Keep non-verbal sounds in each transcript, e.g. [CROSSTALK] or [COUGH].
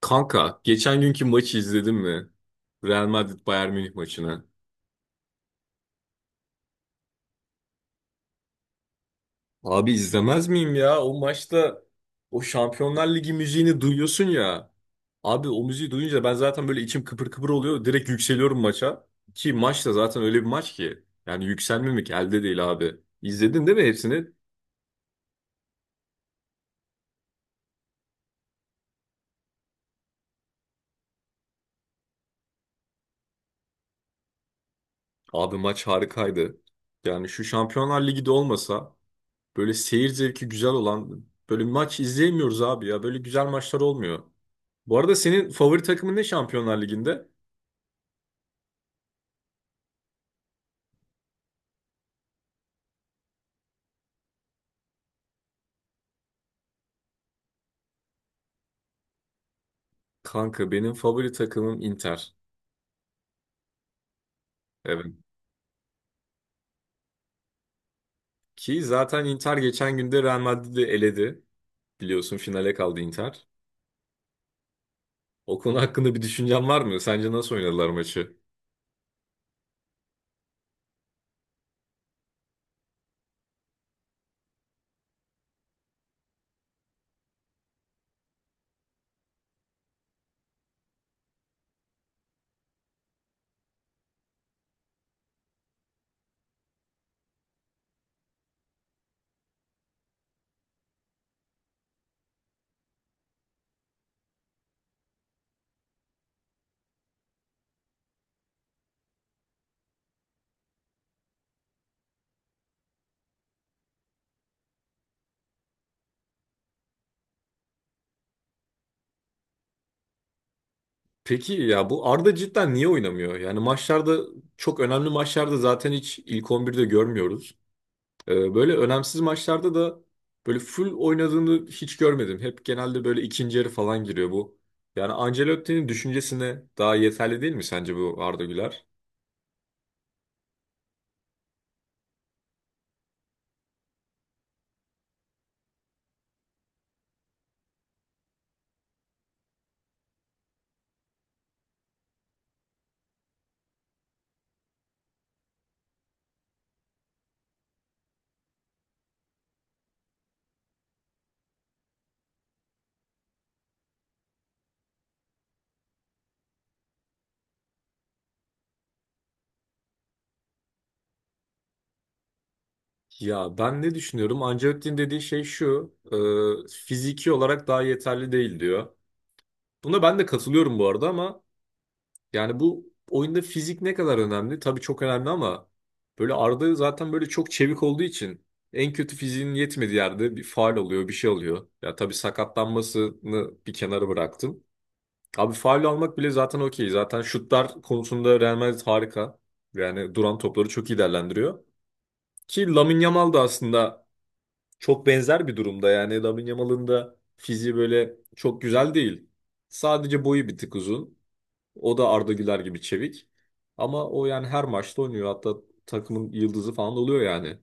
Kanka geçen günkü maçı izledin mi? Real Madrid Bayern Münih maçını. Abi izlemez miyim ya? O maçta o Şampiyonlar Ligi müziğini duyuyorsun ya. Abi o müziği duyunca ben zaten böyle içim kıpır kıpır oluyor. Direkt yükseliyorum maça. Ki maç da zaten öyle bir maç ki. Yani yükselmemek elde değil abi. İzledin değil mi hepsini? Abi maç harikaydı. Yani şu Şampiyonlar Ligi de olmasa böyle seyir zevki güzel olan böyle bir maç izleyemiyoruz abi ya. Böyle güzel maçlar olmuyor. Bu arada senin favori takımın ne Şampiyonlar Ligi'nde? Kanka benim favori takımım Inter. Evet. Ki zaten Inter geçen günde Real Madrid'i eledi. Biliyorsun finale kaldı Inter. O konu hakkında bir düşüncen var mı? Sence nasıl oynadılar maçı? Peki ya bu Arda cidden niye oynamıyor? Yani maçlarda çok önemli maçlarda zaten hiç ilk 11'de görmüyoruz. Böyle önemsiz maçlarda da böyle full oynadığını hiç görmedim. Hep genelde böyle ikinci yarı falan giriyor bu. Yani Ancelotti'nin düşüncesine daha yeterli değil mi sence bu Arda Güler? Ya ben ne düşünüyorum? Ancelotti'nin dediği şey şu, fiziki olarak daha yeterli değil diyor. Buna ben de katılıyorum bu arada ama yani bu oyunda fizik ne kadar önemli? Tabii çok önemli ama böyle Arda zaten böyle çok çevik olduğu için en kötü fiziğinin yetmediği yerde bir faul oluyor, bir şey oluyor. Ya tabii sakatlanmasını bir kenara bıraktım. Abi faul almak bile zaten okey. Zaten şutlar konusunda Real Madrid harika. Yani duran topları çok iyi değerlendiriyor. Ki Lamine Yamal da aslında çok benzer bir durumda. Yani Lamine Yamal'ın da fiziği böyle çok güzel değil. Sadece boyu bir tık uzun. O da Arda Güler gibi çevik. Ama o yani her maçta oynuyor. Hatta takımın yıldızı falan oluyor yani.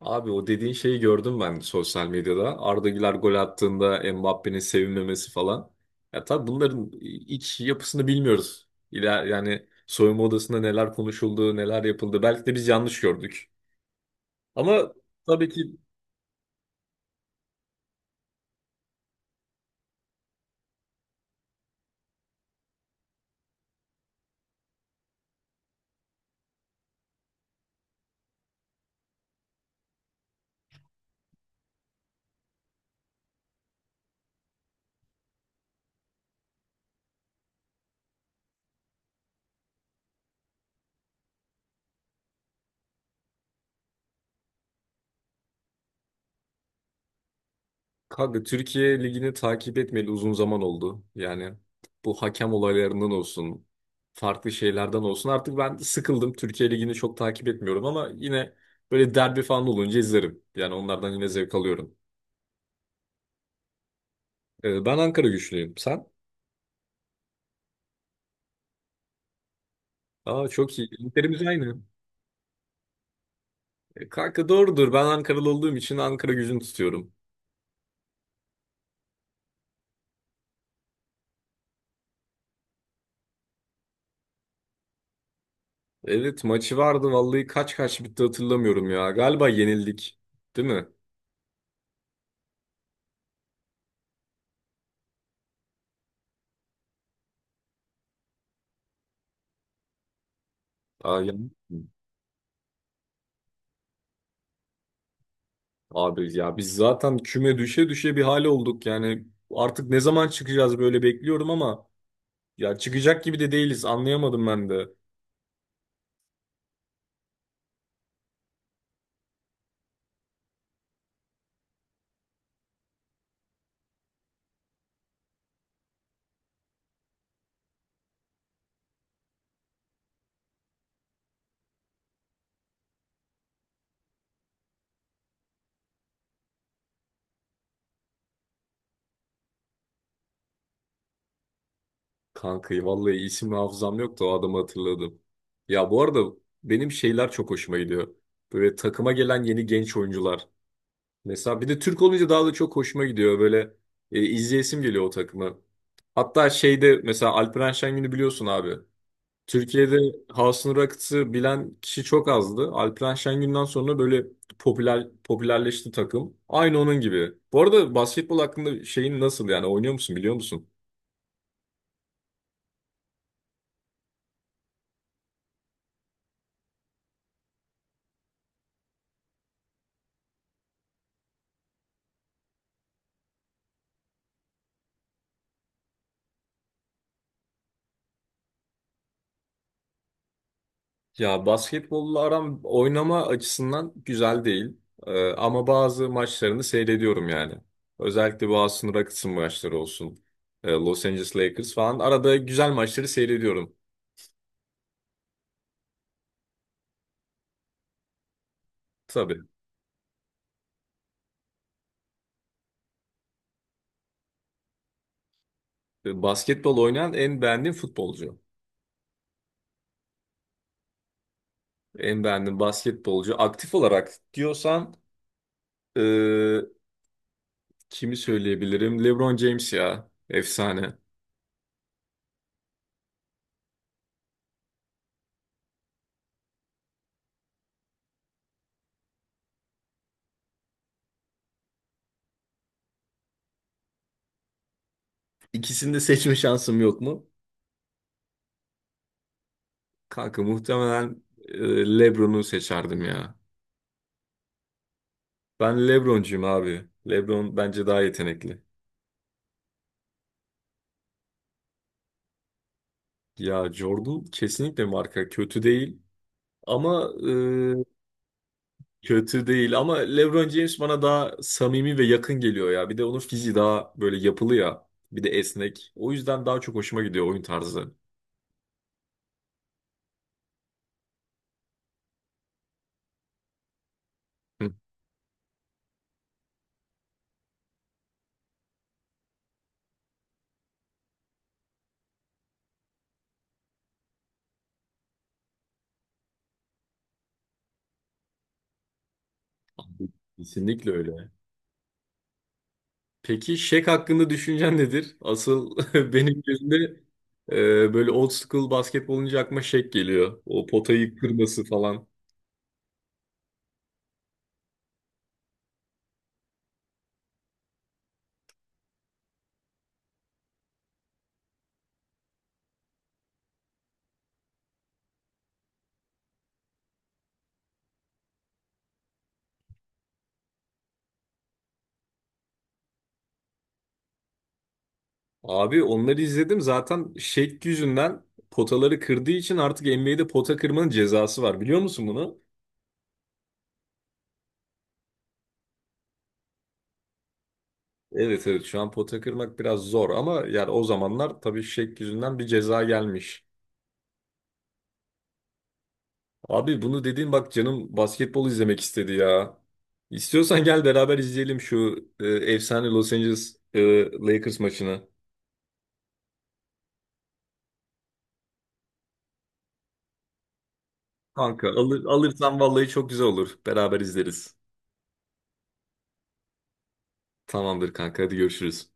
Abi o dediğin şeyi gördüm ben sosyal medyada. Arda Güler gol attığında Mbappé'nin sevinmemesi falan. Ya tabii bunların iç yapısını bilmiyoruz. İler, yani soyunma odasında neler konuşuldu, neler yapıldı. Belki de biz yanlış gördük. Ama tabii ki Kanka Türkiye Ligi'ni takip etmeli uzun zaman oldu. Yani bu hakem olaylarından olsun, farklı şeylerden olsun. Artık ben sıkıldım. Türkiye Ligi'ni çok takip etmiyorum ama yine böyle derbi falan olunca izlerim. Yani onlardan yine zevk alıyorum. Ben Ankara güçlüyüm. Sen? Aa çok iyi. Linklerimiz aynı. E, kanka doğrudur. Ben Ankaralı olduğum için Ankara gücünü tutuyorum. Evet maçı vardı. Vallahi kaç kaç bitti hatırlamıyorum ya. Galiba yenildik. Değil mi? Aa, yanlış. Abi ya biz zaten küme düşe düşe bir hale olduk yani artık ne zaman çıkacağız böyle bekliyorum ama ya çıkacak gibi de değiliz anlayamadım ben de. Kankayı vallahi isim hafızam yoktu o adamı hatırladım. Ya bu arada benim şeyler çok hoşuma gidiyor. Böyle takıma gelen yeni genç oyuncular. Mesela bir de Türk olunca daha da çok hoşuma gidiyor böyle izleyesim geliyor o takımı. Hatta şeyde mesela Alperen Şengün'ü biliyorsun abi. Türkiye'de House'un Rockets'ı bilen kişi çok azdı. Alperen Şengün'den sonra böyle popüler popülerleşti takım. Aynı onun gibi. Bu arada basketbol hakkında şeyin nasıl yani oynuyor musun biliyor musun? Ya basketbolla aram oynama açısından güzel değil. Ama bazı maçlarını seyrediyorum yani. Özellikle bu House'un Rockets'ın maçları olsun. Los Angeles Lakers falan. Arada güzel maçları seyrediyorum. Tabii. Basketbol oynayan en beğendiğim futbolcu. En beğendiğim basketbolcu. Aktif olarak diyorsan e, kimi söyleyebilirim? LeBron James ya. Efsane. İkisini de seçme şansım yok mu? Kanka muhtemelen LeBron'u seçerdim ya. Ben LeBroncuyum abi. LeBron bence daha yetenekli. Ya Jordan kesinlikle marka kötü değil ama LeBron James bana daha samimi ve yakın geliyor ya. Bir de onun fiziği daha böyle yapılı ya. Bir de esnek. O yüzden daha çok hoşuma gidiyor oyun tarzı. Hı, kesinlikle öyle. Peki Şek hakkında düşüncen nedir? Asıl [LAUGHS] benim gözümde böyle old school basketbol olunca aklıma Şek geliyor. O potayı kırması falan. Abi onları izledim zaten Şek yüzünden potaları kırdığı için artık NBA'de pota kırmanın cezası var. Biliyor musun bunu? Evet evet şu an pota kırmak biraz zor ama yani o zamanlar tabii Şek yüzünden bir ceza gelmiş. Abi bunu dediğin bak canım basketbol izlemek istedi ya. İstiyorsan gel beraber izleyelim şu efsane Los Angeles Lakers maçını. Kanka alırsan vallahi çok güzel olur. Beraber izleriz. Tamamdır kanka hadi görüşürüz.